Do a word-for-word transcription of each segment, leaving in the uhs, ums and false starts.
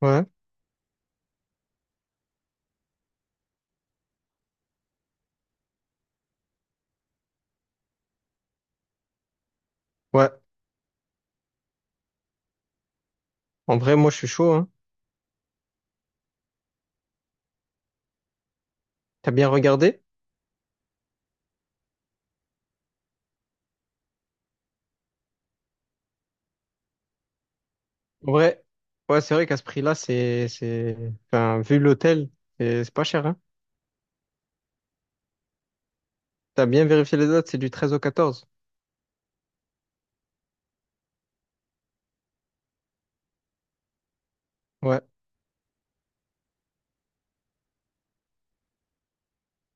Ouais, ouais. En vrai, moi, je suis chaud, hein. T'as bien regardé? En vrai, ouais, c'est vrai qu'à ce prix-là, c'est, c'est, enfin, vu l'hôtel, c'est c'est pas cher, hein. T'as bien vérifié les dates, c'est du treize au quatorze. Ouais.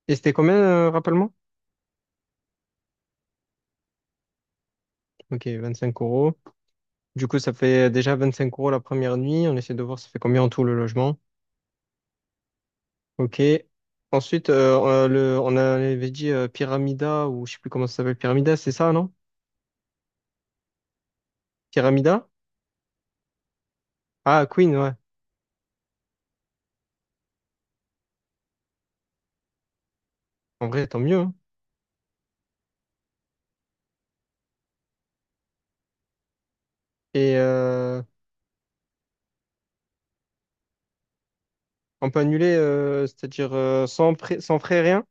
Et c'était combien, euh, rappelle-moi? Ok, vingt-cinq euros. Du coup, ça fait déjà vingt-cinq euros la première nuit. On essaie de voir ça fait combien en tout le logement. Ok. Ensuite, euh, euh, le, on avait dit euh, Pyramida, ou je sais plus comment ça s'appelle. Pyramida, c'est ça, non? Pyramida? Ah, Queen, ouais. En vrai, tant mieux, hein. Et euh, On peut annuler, euh, c'est-à-dire euh, sans, pré- sans frais, rien?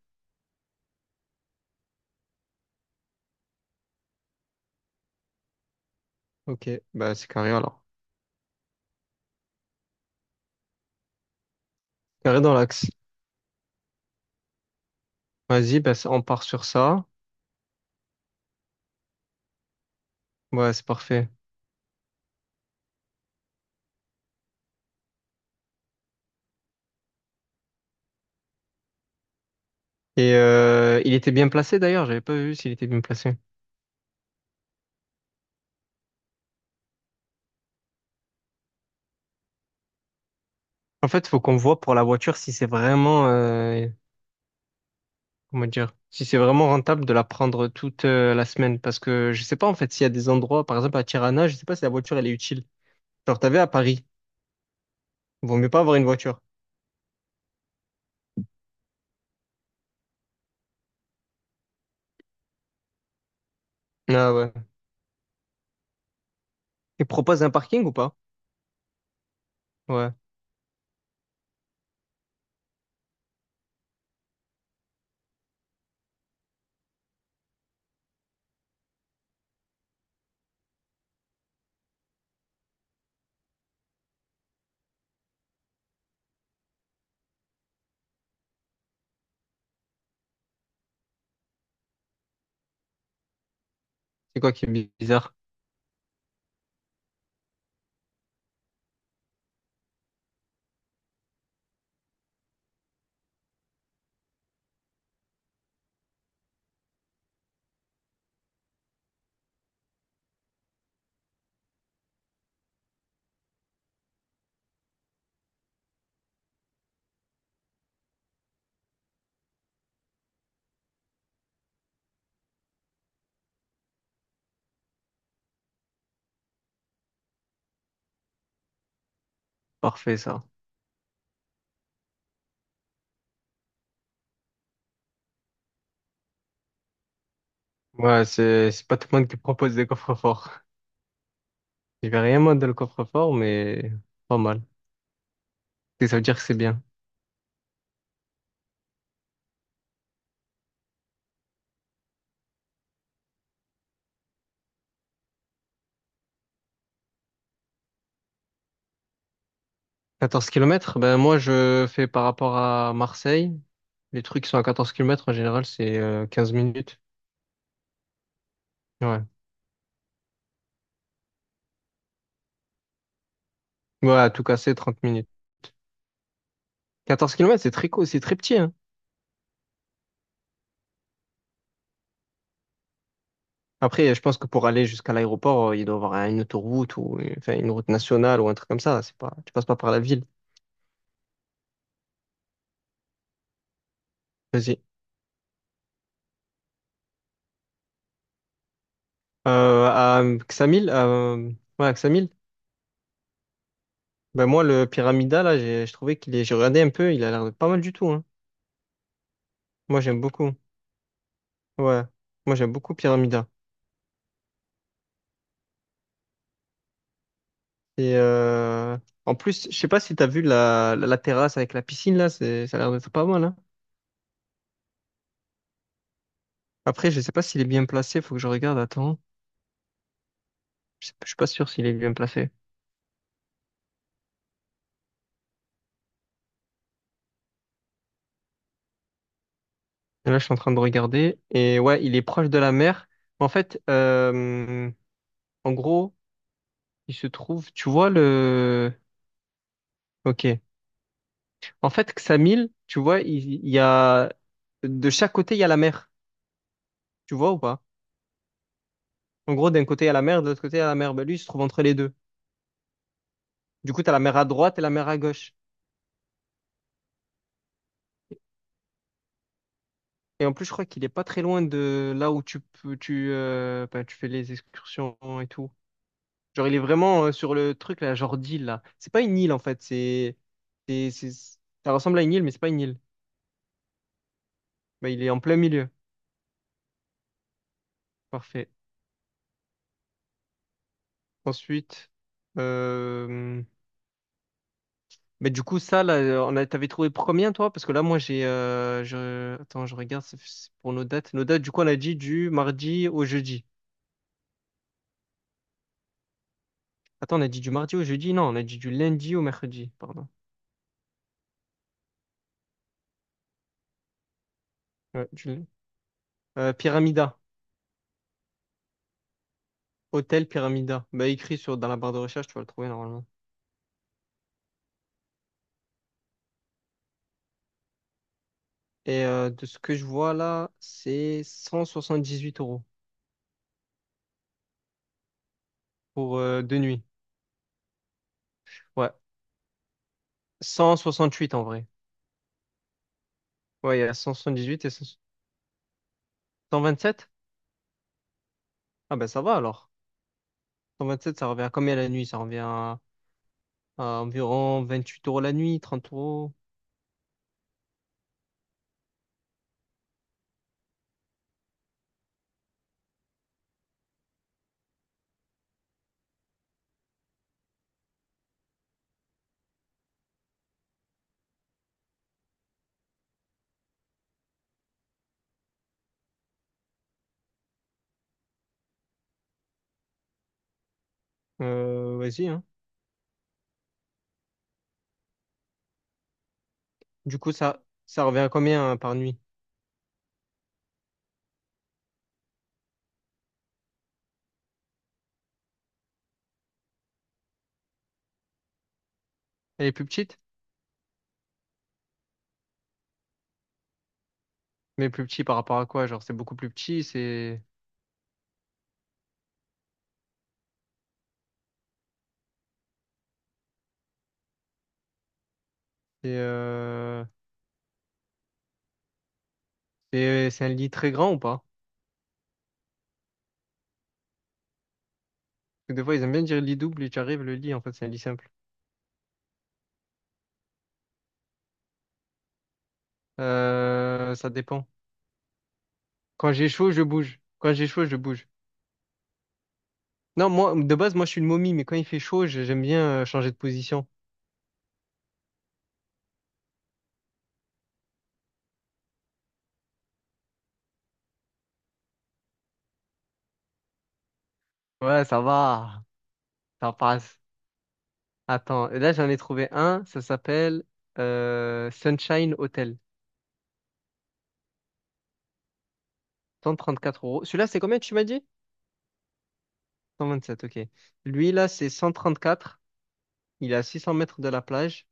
Ok, bah c'est carré alors. Carré dans l'axe. Vas-y, bah, ça- on part sur ça. Ouais, c'est parfait. Et euh, il était bien placé d'ailleurs, j'avais pas vu s'il était bien placé. En fait, faut qu'on voit pour la voiture si c'est vraiment, euh, comment dire, si c'est vraiment rentable de la prendre toute euh, la semaine. Parce que je sais pas en fait s'il y a des endroits, par exemple à Tirana, je sais pas si la voiture elle est utile. Genre t'avais à Paris, vaut mieux pas avoir une voiture. Ah ouais. Il propose un parking ou pas? Ouais. C'est quoi qui est bizarre? Parfait ça. Ouais, c'est c'est pas tout le monde qui propose des coffres forts. Je vais rien moi dans le coffre-fort, mais pas mal. Et ça veut dire que c'est bien. quatorze kilomètres, ben moi je fais par rapport à Marseille. Les trucs qui sont à quatorze kilomètres en général, c'est euh, quinze minutes. Ouais. Ouais, à tout casser, trente minutes. quatorze kilomètres, c'est très court, c'est très petit, hein. Après, je pense que pour aller jusqu'à l'aéroport, euh, il doit y avoir une autoroute ou euh, enfin, une route nationale ou un truc comme ça. C'est pas, tu passes pas par la ville. Vas-y. Euh, à Xamil, euh, ouais, à Ksamil. Ben moi, le Pyramida, là, j'ai je trouvais qu'il est... J'ai regardé un peu, il a l'air pas mal du tout, hein. Moi, j'aime beaucoup. Ouais. Moi, j'aime beaucoup Pyramida. Et euh, en plus, je sais pas si t'as vu la... la la terrasse avec la piscine, là, c'est... ça a l'air d'être pas mal, hein. Après, je sais pas s'il est bien placé, faut que je regarde, attends. Je sais- je suis pas sûr s'il est bien placé. Et là, je suis en train de regarder. Et ouais, il est proche de la mer. En fait, euh, en gros, il se trouve, tu vois le... Ok. En fait, Ksamil, tu vois, il, il y a de chaque côté, il y a la mer. Tu vois ou pas? En gros, d'un côté, il y a la mer, de l'autre côté, il y a la mer. Ben, lui, il se trouve entre les deux. Du coup, tu as la mer à droite et la mer à gauche. Et en plus, je crois qu'il est pas très loin de là où tu peux, tu, euh, ben, tu fais les excursions et tout. Genre, il est vraiment euh, sur le truc, là, genre d'île, là. C'est pas une île, en fait. C'est, c'est, c'est- ça ressemble à une île, mais c'est pas une île. Ben, il est en plein milieu. Parfait. Ensuite, euh, Mais du coup, ça, là, on a, t'avais trouvé combien, toi? Parce que là, moi, j'ai. euh, je... Attends, je regarde, c'est c'est pour nos dates. Nos dates, du coup, on a dit du mardi au jeudi. Attends, on a dit du mardi au jeudi? Non, on a dit du lundi au mercredi, pardon. Ouais, du- euh, Pyramida. Hôtel Pyramida. Bah, écrit sur... dans la barre de recherche, tu vas le trouver normalement. Et euh, de ce que je vois là, c'est cent soixante dix huit euros pour euh, deux nuits. Ouais. cent soixante huit en vrai. Ouais, il y a cent soixante dix huit et cent vingt-sept? Ah, ben ça va alors. cent vingt sept, ça revient à combien la nuit? Ça revient à. à environ vingt-huit euros la nuit, trente euros. Euh, vas-y, hein. Du coup, ça, ça revient à combien, hein, par nuit? Elle est plus petite? Mais plus petit par rapport à quoi? Genre, c'est beaucoup plus petit, c'est c'est euh, c'est c'est un lit très grand ou pas? Parce que des fois, ils aiment bien dire lit double et tu arrives, le lit, en fait, c'est un lit simple. Euh, ça dépend. Quand j'ai chaud, je bouge. Quand j'ai chaud, je bouge. Non, moi, de base, moi, je suis une momie, mais quand il fait chaud, je- j'aime bien euh, changer de position. Ouais, ça va, ça passe. Attends, là j'en ai trouvé un, ça s'appelle euh, Sunshine Hotel. cent trente quatre euros. Celui-là, c'est combien tu m'as dit? Cent vingt sept, ok. Lui, là, c'est cent trente quatre. Il est à six cents mètres de la plage.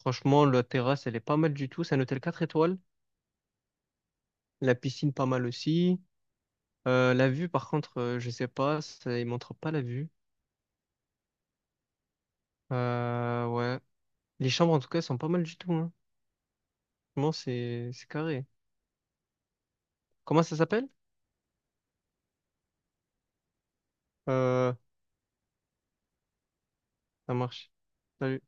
Franchement, la terrasse, elle est pas mal du tout. C'est un hôtel quatre étoiles. La piscine, pas mal aussi. Euh, la vue, par contre, euh, je sais pas. Ça, il montre pas la vue. Euh, ouais. Les chambres, en tout cas, elles sont pas mal du tout. Hein. Franchement, c'est c'est carré. Comment ça s'appelle? Euh, ça marche. Salut.